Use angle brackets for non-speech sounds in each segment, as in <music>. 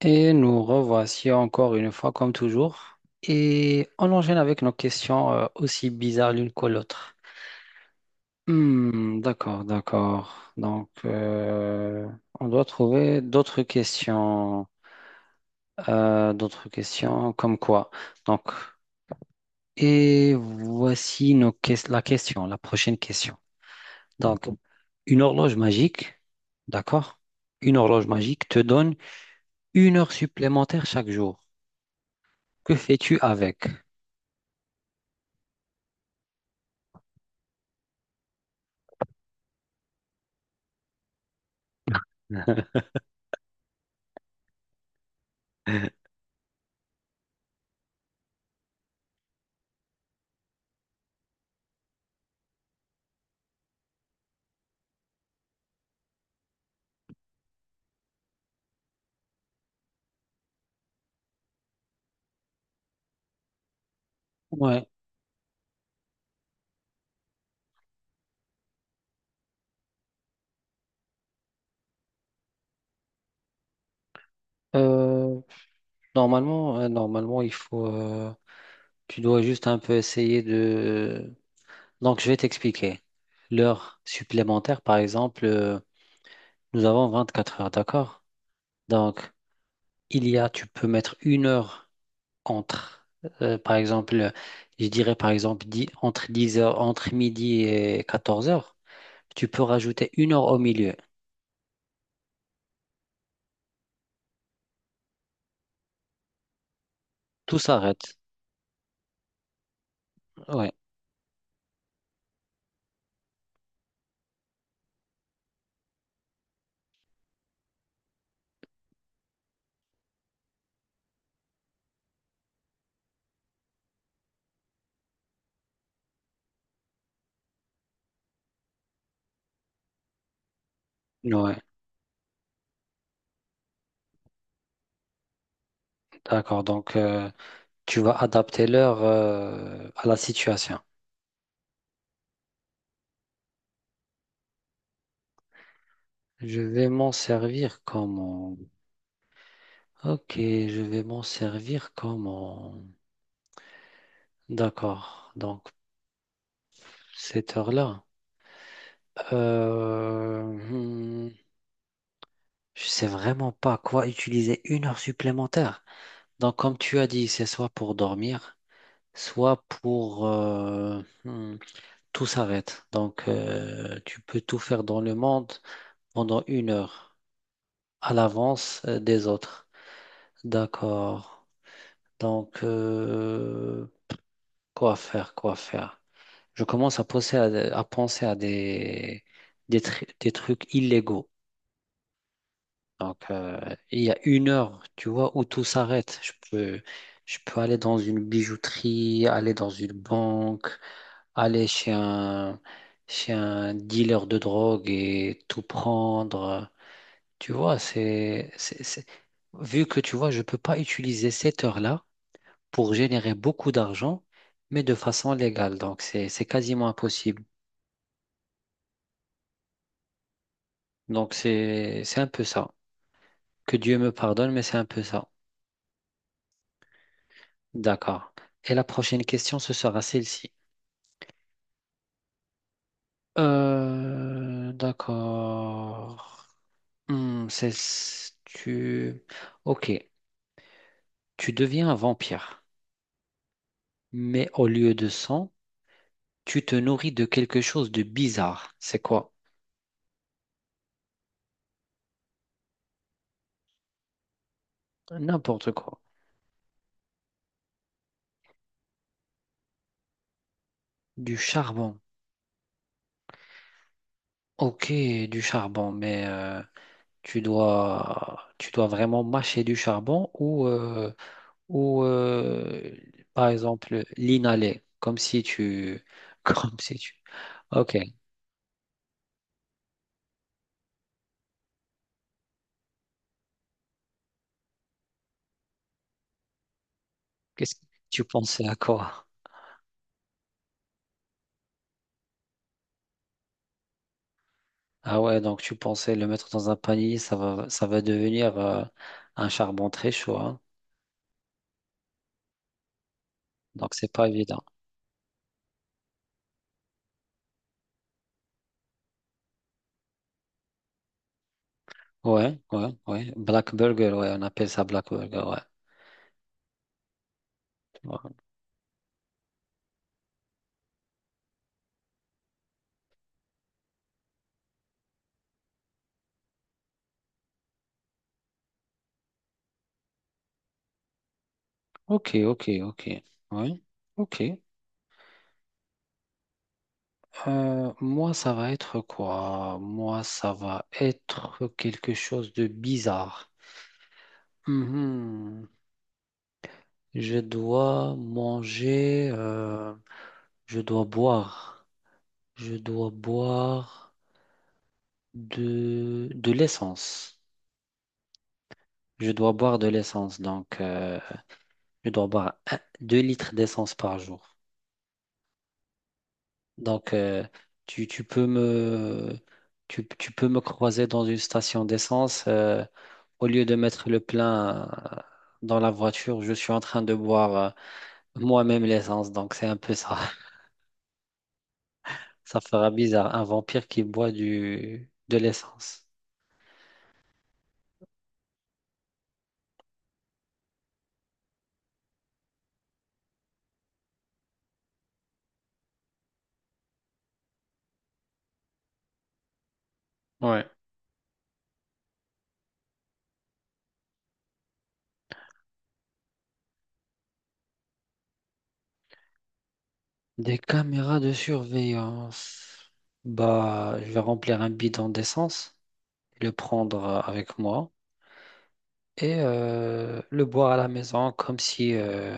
Et nous revoici encore une fois, comme toujours. Et on enchaîne avec nos questions aussi bizarres l'une que l'autre. Hmm, d'accord, d'accord. On doit trouver d'autres questions. D'autres questions comme quoi. Donc, et voici la question, la prochaine question. Donc, une horloge magique, d'accord? Une horloge magique te donne une heure supplémentaire chaque jour. Que fais-tu avec? <laughs> Ouais, Euh, normalement, normalement, il faut, tu dois juste un peu essayer de. Donc, je vais t'expliquer. L'heure supplémentaire, par exemple, nous avons 24 heures, d'accord? Donc, tu peux mettre une heure entre, par exemple, je dirais par exemple, entre 10 heures, entre midi et 14 heures, tu peux rajouter une heure au milieu. Tout s'arrête. Ouais, ouais, d'accord. Donc, tu vas adapter l'heure, à la situation. Je vais m'en servir comment? Ok, je vais m'en servir comment? D'accord, donc cette heure-là. Euh, hmm, je sais vraiment pas quoi utiliser une heure supplémentaire. Donc comme tu as dit, c'est soit pour dormir, soit pour... tout s'arrête. Donc tu peux tout faire dans le monde pendant une heure à l'avance des autres. D'accord. Donc... Quoi faire, quoi faire? Je commence à penser à des trucs illégaux. Donc, il y a une heure, tu vois, où tout s'arrête. Je peux aller dans une bijouterie, aller dans une banque, aller chez un, chez un dealer de drogue et tout prendre. Tu vois, vu que tu vois, je peux pas utiliser cette heure-là pour générer beaucoup d'argent, mais de façon légale. Donc, c'est quasiment impossible. Donc, c'est un peu ça. Que Dieu me pardonne, mais c'est un peu ça. D'accord. Et la prochaine question, ce sera celle-ci. D'accord. Hmm, c'est, tu... Ok. Tu deviens un vampire, mais au lieu de sang, tu te nourris de quelque chose de bizarre. C'est quoi? N'importe quoi. Du charbon. Ok, du charbon, mais... tu dois vraiment mâcher du charbon ou, par exemple, l'inhaler, comme si tu... <laughs> Comme si tu... Ok, qu'est-ce que tu pensais à quoi? Ah ouais, donc tu pensais le mettre dans un panier, ça va devenir un charbon très chaud, hein. Donc c'est pas évident. Ouais, ouais, ouais. Black Burger, ouais, on appelle ça Black Burger, ouais. Ouais. Ok, ok, ok. Ouais, ok. Moi, ça va être quoi? Moi, ça va être quelque chose de bizarre. Mhm. Je dois manger, euh, je dois boire, je dois boire de l'essence. Je dois boire de l'essence, donc je dois boire 2 litres d'essence par jour. Donc, tu peux me, tu peux me croiser dans une station d'essence. Au lieu de mettre le plein euh, dans la voiture, je suis en train de boire moi-même l'essence. Donc, c'est un peu ça. <laughs> Ça fera bizarre. Un vampire qui boit de l'essence. Ouais. Des caméras de surveillance. Bah, je vais remplir un bidon d'essence, le prendre avec moi. Et le boire à la maison comme si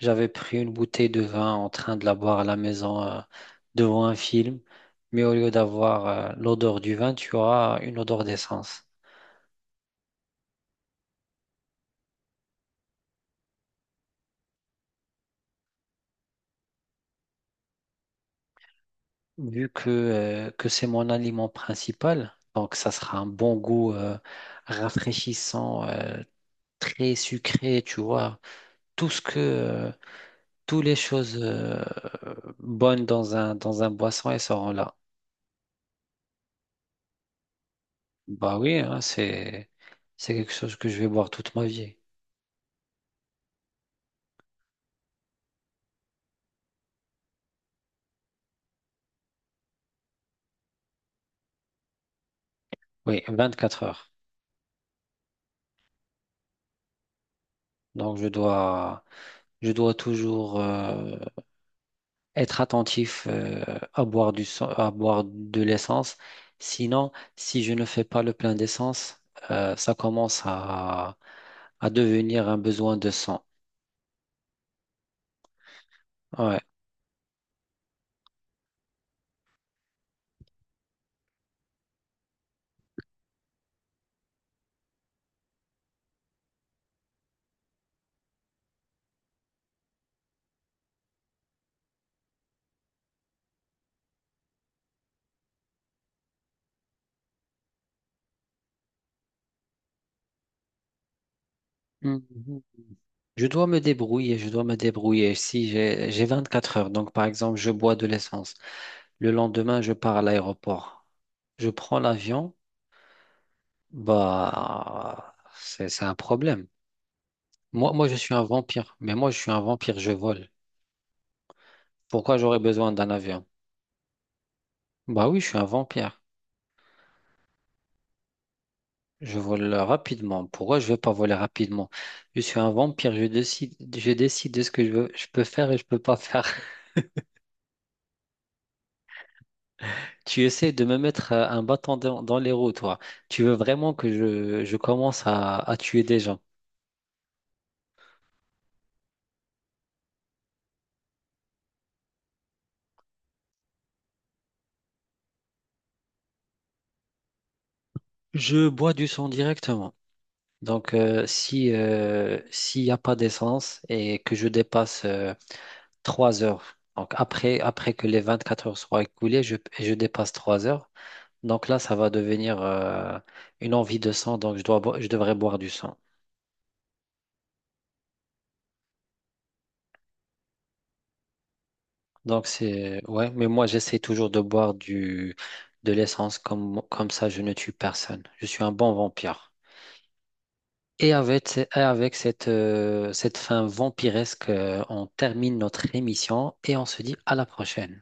j'avais pris une bouteille de vin en train de la boire à la maison devant un film. Mais au lieu d'avoir l'odeur du vin, tu auras une odeur d'essence. Vu que c'est mon aliment principal, donc ça sera un bon goût rafraîchissant, très sucré, tu vois. Tout ce que, euh, Toutes les choses bonnes dans dans un boisson, elles seront là. Bah oui, hein, c'est quelque chose que je vais boire toute ma vie. Oui, 24 heures. Donc je dois toujours être attentif à boire de l'essence. Sinon, si je ne fais pas le plein d'essence, ça commence à devenir un besoin de sang. Ouais. Mhm. Je dois me débrouiller, je dois me débrouiller. Si j'ai 24 heures, donc par exemple, je bois de l'essence. Le lendemain, je pars à l'aéroport. Je prends l'avion. Bah, c'est un problème. Moi, je suis un vampire. Mais moi, je suis un vampire, je vole. Pourquoi j'aurais besoin d'un avion? Bah oui, je suis un vampire. Je vole rapidement. Pourquoi je vais pas voler rapidement? Je suis un vampire. Je décide de ce que je veux, je peux faire et je peux pas faire. <laughs> Tu essaies de me mettre un bâton dans les roues, toi. Tu veux vraiment que je commence à tuer des gens. Je bois du sang directement. Donc, si, s'il n'y a pas d'essence et que je dépasse 3 heures, donc après, après que les 24 heures soient écoulées, je dépasse 3 heures, donc là, ça va devenir une envie de sang, donc je devrais boire du sang. Donc, ouais, mais moi, j'essaie toujours de boire de l'essence, comme ça, je ne tue personne. Je suis un bon vampire. Et avec, et avec cette, cette fin vampiresque, on termine notre émission et on se dit à la prochaine.